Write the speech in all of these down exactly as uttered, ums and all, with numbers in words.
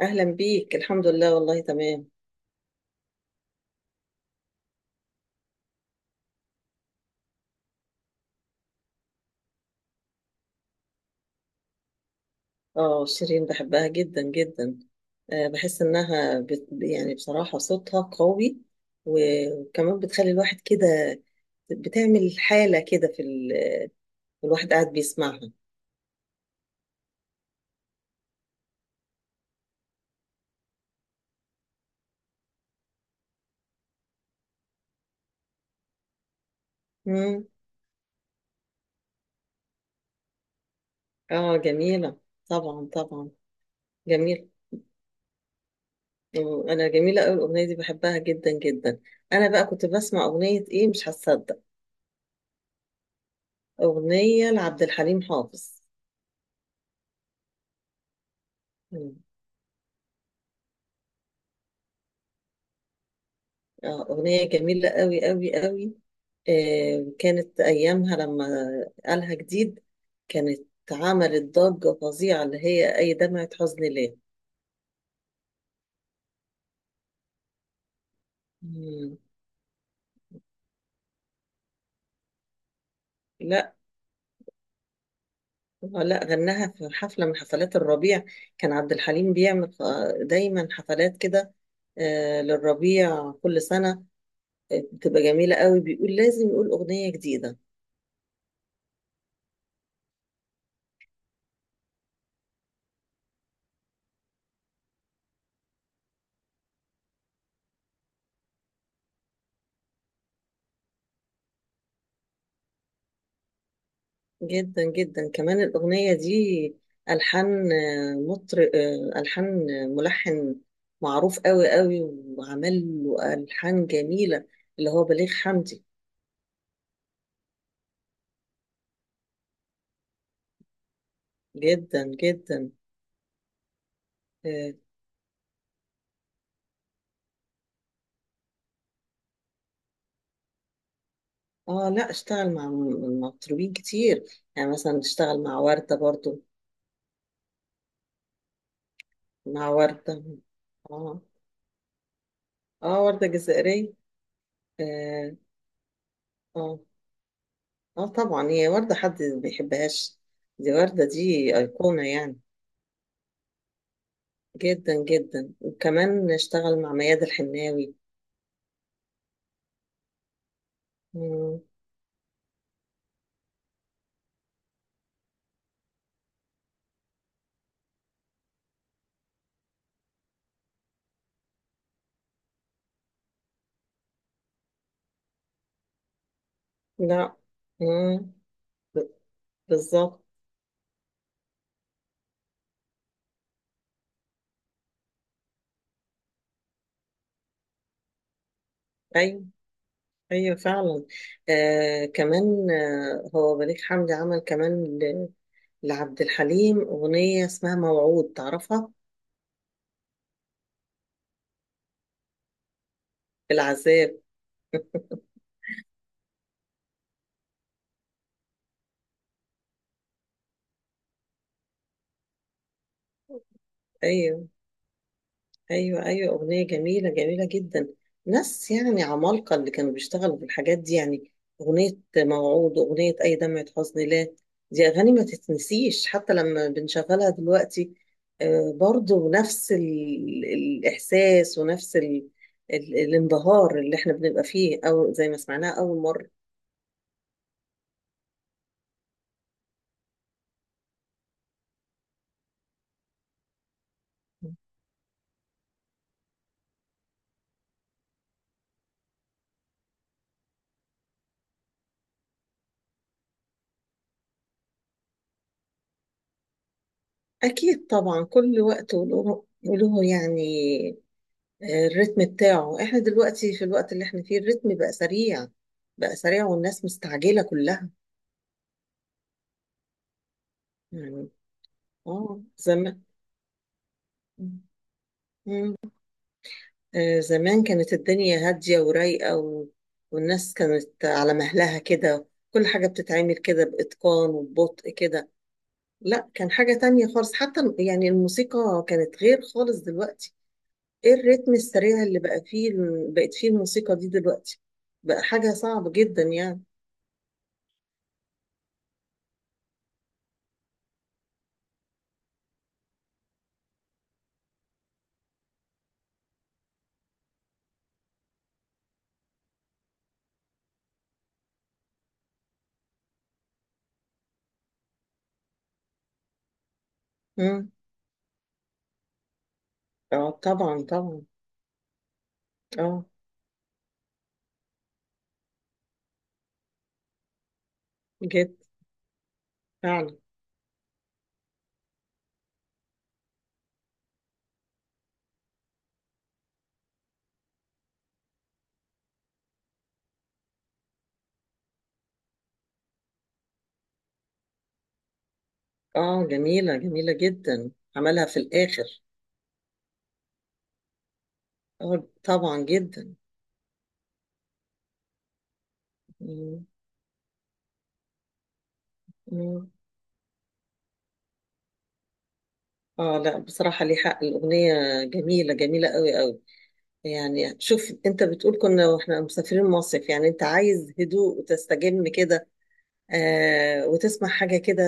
أهلا بيك. الحمد لله والله تمام. اه شيرين بحبها جدا جدا. آه، بحس إنها بت... يعني بصراحة صوتها قوي. و- وكمان بتخلي الواحد كده. بتعمل حالة كده في ال... الواحد قاعد بيسمعها. مم. اه جميلة. طبعا طبعا. جميل. مم، أنا جميلة أوي الأغنية دي بحبها جدا جدا. أنا بقى كنت بسمع أغنية إيه مش هتصدق. أغنية لعبد الحليم حافظ. مم. اه أغنية جميلة أوي أوي أوي. آه، كانت أيامها لما قالها جديد، كانت عملت ضجة فظيعة اللي هي أي دمعة حزن ليه. مم. لا، لا غناها في حفلة من حفلات الربيع. كان عبد الحليم بيعمل آه، دايما حفلات كده، آه، للربيع كل سنة. آه، بتبقى جميلة قوي، بيقول لازم يقول أغنية جديدة. جدا جدا كمان الأغنية دي، ألحان مطرب، ألحان ملحن معروف قوي قوي، وعمل له ألحان جميلة اللي هو بليغ حمدي. جدا جدا. اه. آه، لا اشتغل مع م- مطربين كتير. يعني مثلا اشتغل مع وردة برضو. مع وردة. اه. اه وردة جزائرية. اه. اه, آه طبعا هي وردة حد ما يحبهاش. دي وردة، دي أيقونة يعني. جدا جدا، وكمان اشتغل مع مياد الحناوي. مم. لا. مم. ب- بالظبط. ايوه ايوه فعلا. آه كمان آه هو بليغ حمدي عمل كمان ل- لعبد الحليم اغنيه اسمها موعود، تعرفها؟ العذاب. ايوه. ايوه ايوه اغنيه جميله جميله جدا. ناس يعني عمالقه اللي كانوا بيشتغلوا في الحاجات دي يعني. اغنيه موعود واغنيه اي دمعه حزن لا، دي اغاني ما تتنسيش حتى لما بنشغلها دلوقتي. آه، برضو نفس ال- الاحساس، ونفس ال- ال- الانبهار اللي احنا بنبقى فيه، او زي ما سمعناها اول مره. اكيد طبعا، كل وقت وله وله يعني. الريتم بتاعه، احنا دلوقتي في الوقت اللي احنا فيه الريتم بقى سريع. بقى سريع والناس مستعجلة كلها يعني. اه زمان. مم. آه، زمان كانت الدنيا هادية ورايقة و... والناس كانت على مهلها كده. كل حاجة بتتعمل كده بإتقان وببطء كده. لا كان حاجة تانية خالص، حتى يعني الموسيقى كانت غير خالص دلوقتي. ايه الريتم السريع اللي بقى فيه، بقت فيه الموسيقى دي دلوقتي، بقى حاجة صعبة جدا يعني. مم. اه طبعا طبعا. اه جد فعلا. اه جميلة جميلة جدا، عملها في الآخر. اه طبعا جدا. مم. مم. اه لا بصراحة ليه حق الأغنية، جميلة جميلة قوي قوي. يعني شوف انت بتقول كنا واحنا مسافرين مصيف، يعني انت عايز هدوء وتستجم كده، آه وتسمع حاجة كده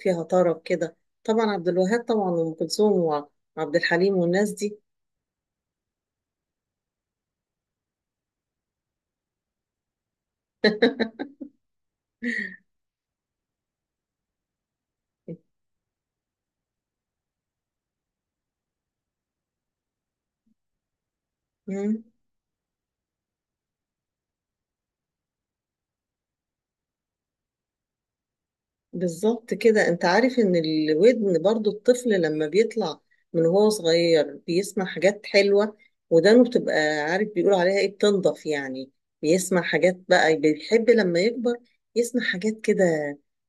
فيها طرب كده. طبعا عبد الوهاب طبعا، وأم كلثوم وعبد الحليم والناس دي. مم. بالظبط كده، انت عارف ان الودن برضو، الطفل لما بيطلع من وهو صغير بيسمع حاجات حلوة، ودانه بتبقى، عارف بيقولوا عليها ايه، بتنضف يعني. بيسمع حاجات بقى بيحب لما يكبر يسمع حاجات كده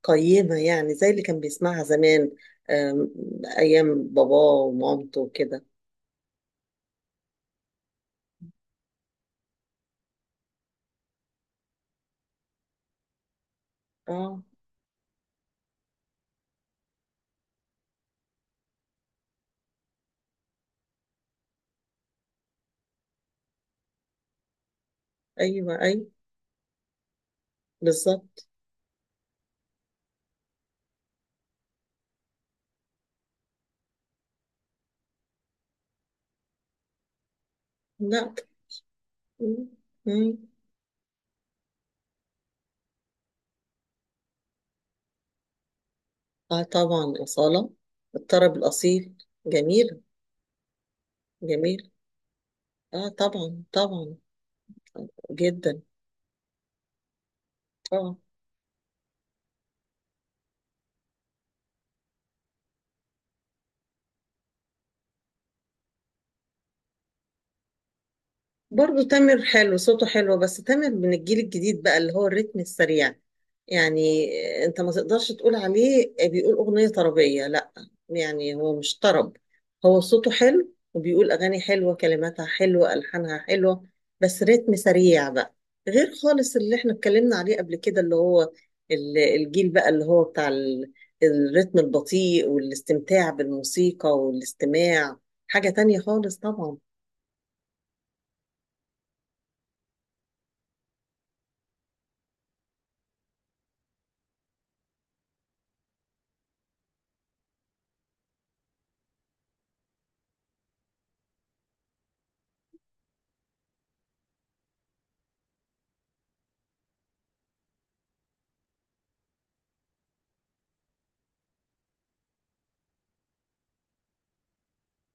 قيمة، يعني زي اللي كان بيسمعها زمان، آم، ايام باباه ومامته وكده. اه ايوه ايوه بالظبط. لا. مم، مم. اه طبعا أصالة، الطرب الأصيل. جميل. جميل. اه طبعا طبعا. جدا. اه برضو تامر حلو، صوته حلو، بس تامر من الجيل الجديد بقى اللي هو الريتم السريع يعني. انت ما تقدرش تقول عليه بيقول أغنية طربية، لا. يعني هو مش طرب. هو صوته حلو، وبيقول أغاني حلوة، كلماتها حلوة، ألحانها حلوة، بس ريتم سريع بقى، غير خالص اللي احنا اتكلمنا عليه قبل كده، اللي هو ال- الجيل بقى اللي هو بتاع ال- الريتم البطيء والاستمتاع بالموسيقى والاستماع. حاجة تانية خالص طبعا.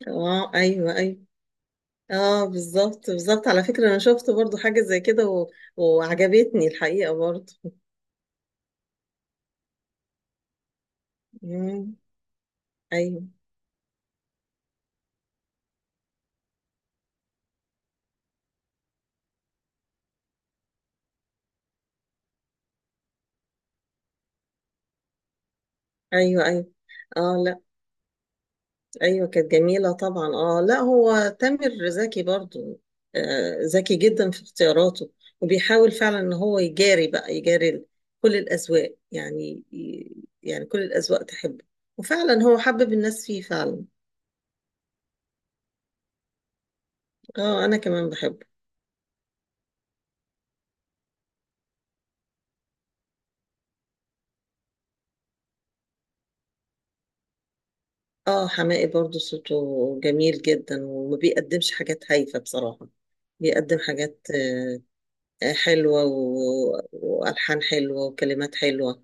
اه ايوه ايوه. اه بالظبط بالظبط، على فكرة انا شفت برضو حاجة زي كده و... وعجبتني الحقيقة برضو. مم. ايوه ايوه ايوه. اه لا ايوه كانت جميلة طبعا. اه لا هو تامر ذكي برضو. آه ذكي جدا في اختياراته، وبيحاول فعلا ان هو يجاري بقى، يجاري ال- كل الاذواق يعني. يعني كل الاذواق تحبه. وفعلا هو حبب الناس فيه فعلا. اه انا كمان بحبه. اه حماقي برضو صوته جميل جدا، وما بيقدمش حاجات هايفة بصراحة. بيقدم حاجات آه، آه، حلوة و- وألحان حلوة وكلمات حلوة.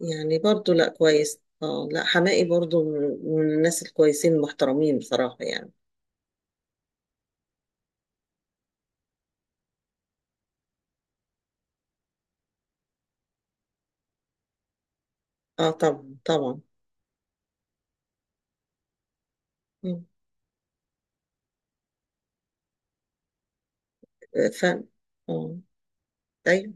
يعني برضو لا كويس. اه لا حماقي برضو من من الناس الكويسين المحترمين بصراحة يعني. اه طبعا طبعا. مم. آه، فن. اه. ايوه.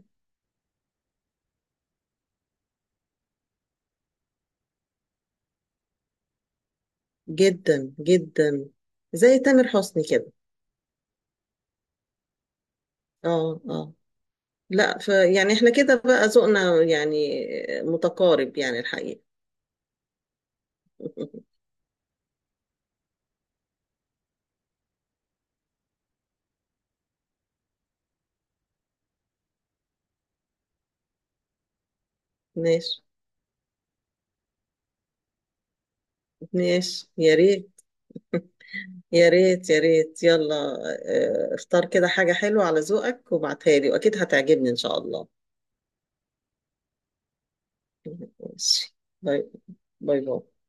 جدا جدا. زي تامر حسني كده. اه اه. لا ف يعني احنا كده بقى ذوقنا يعني متقارب يعني الحقيقة. ماشي. ماشي يا ريت، يا ريت يا ريت يلا. آه، اختار كده حاجة حلوة على ذوقك، وابعتها لي، وأكيد هتعجبني إن شاء الله. ماشي. باي. باي باي.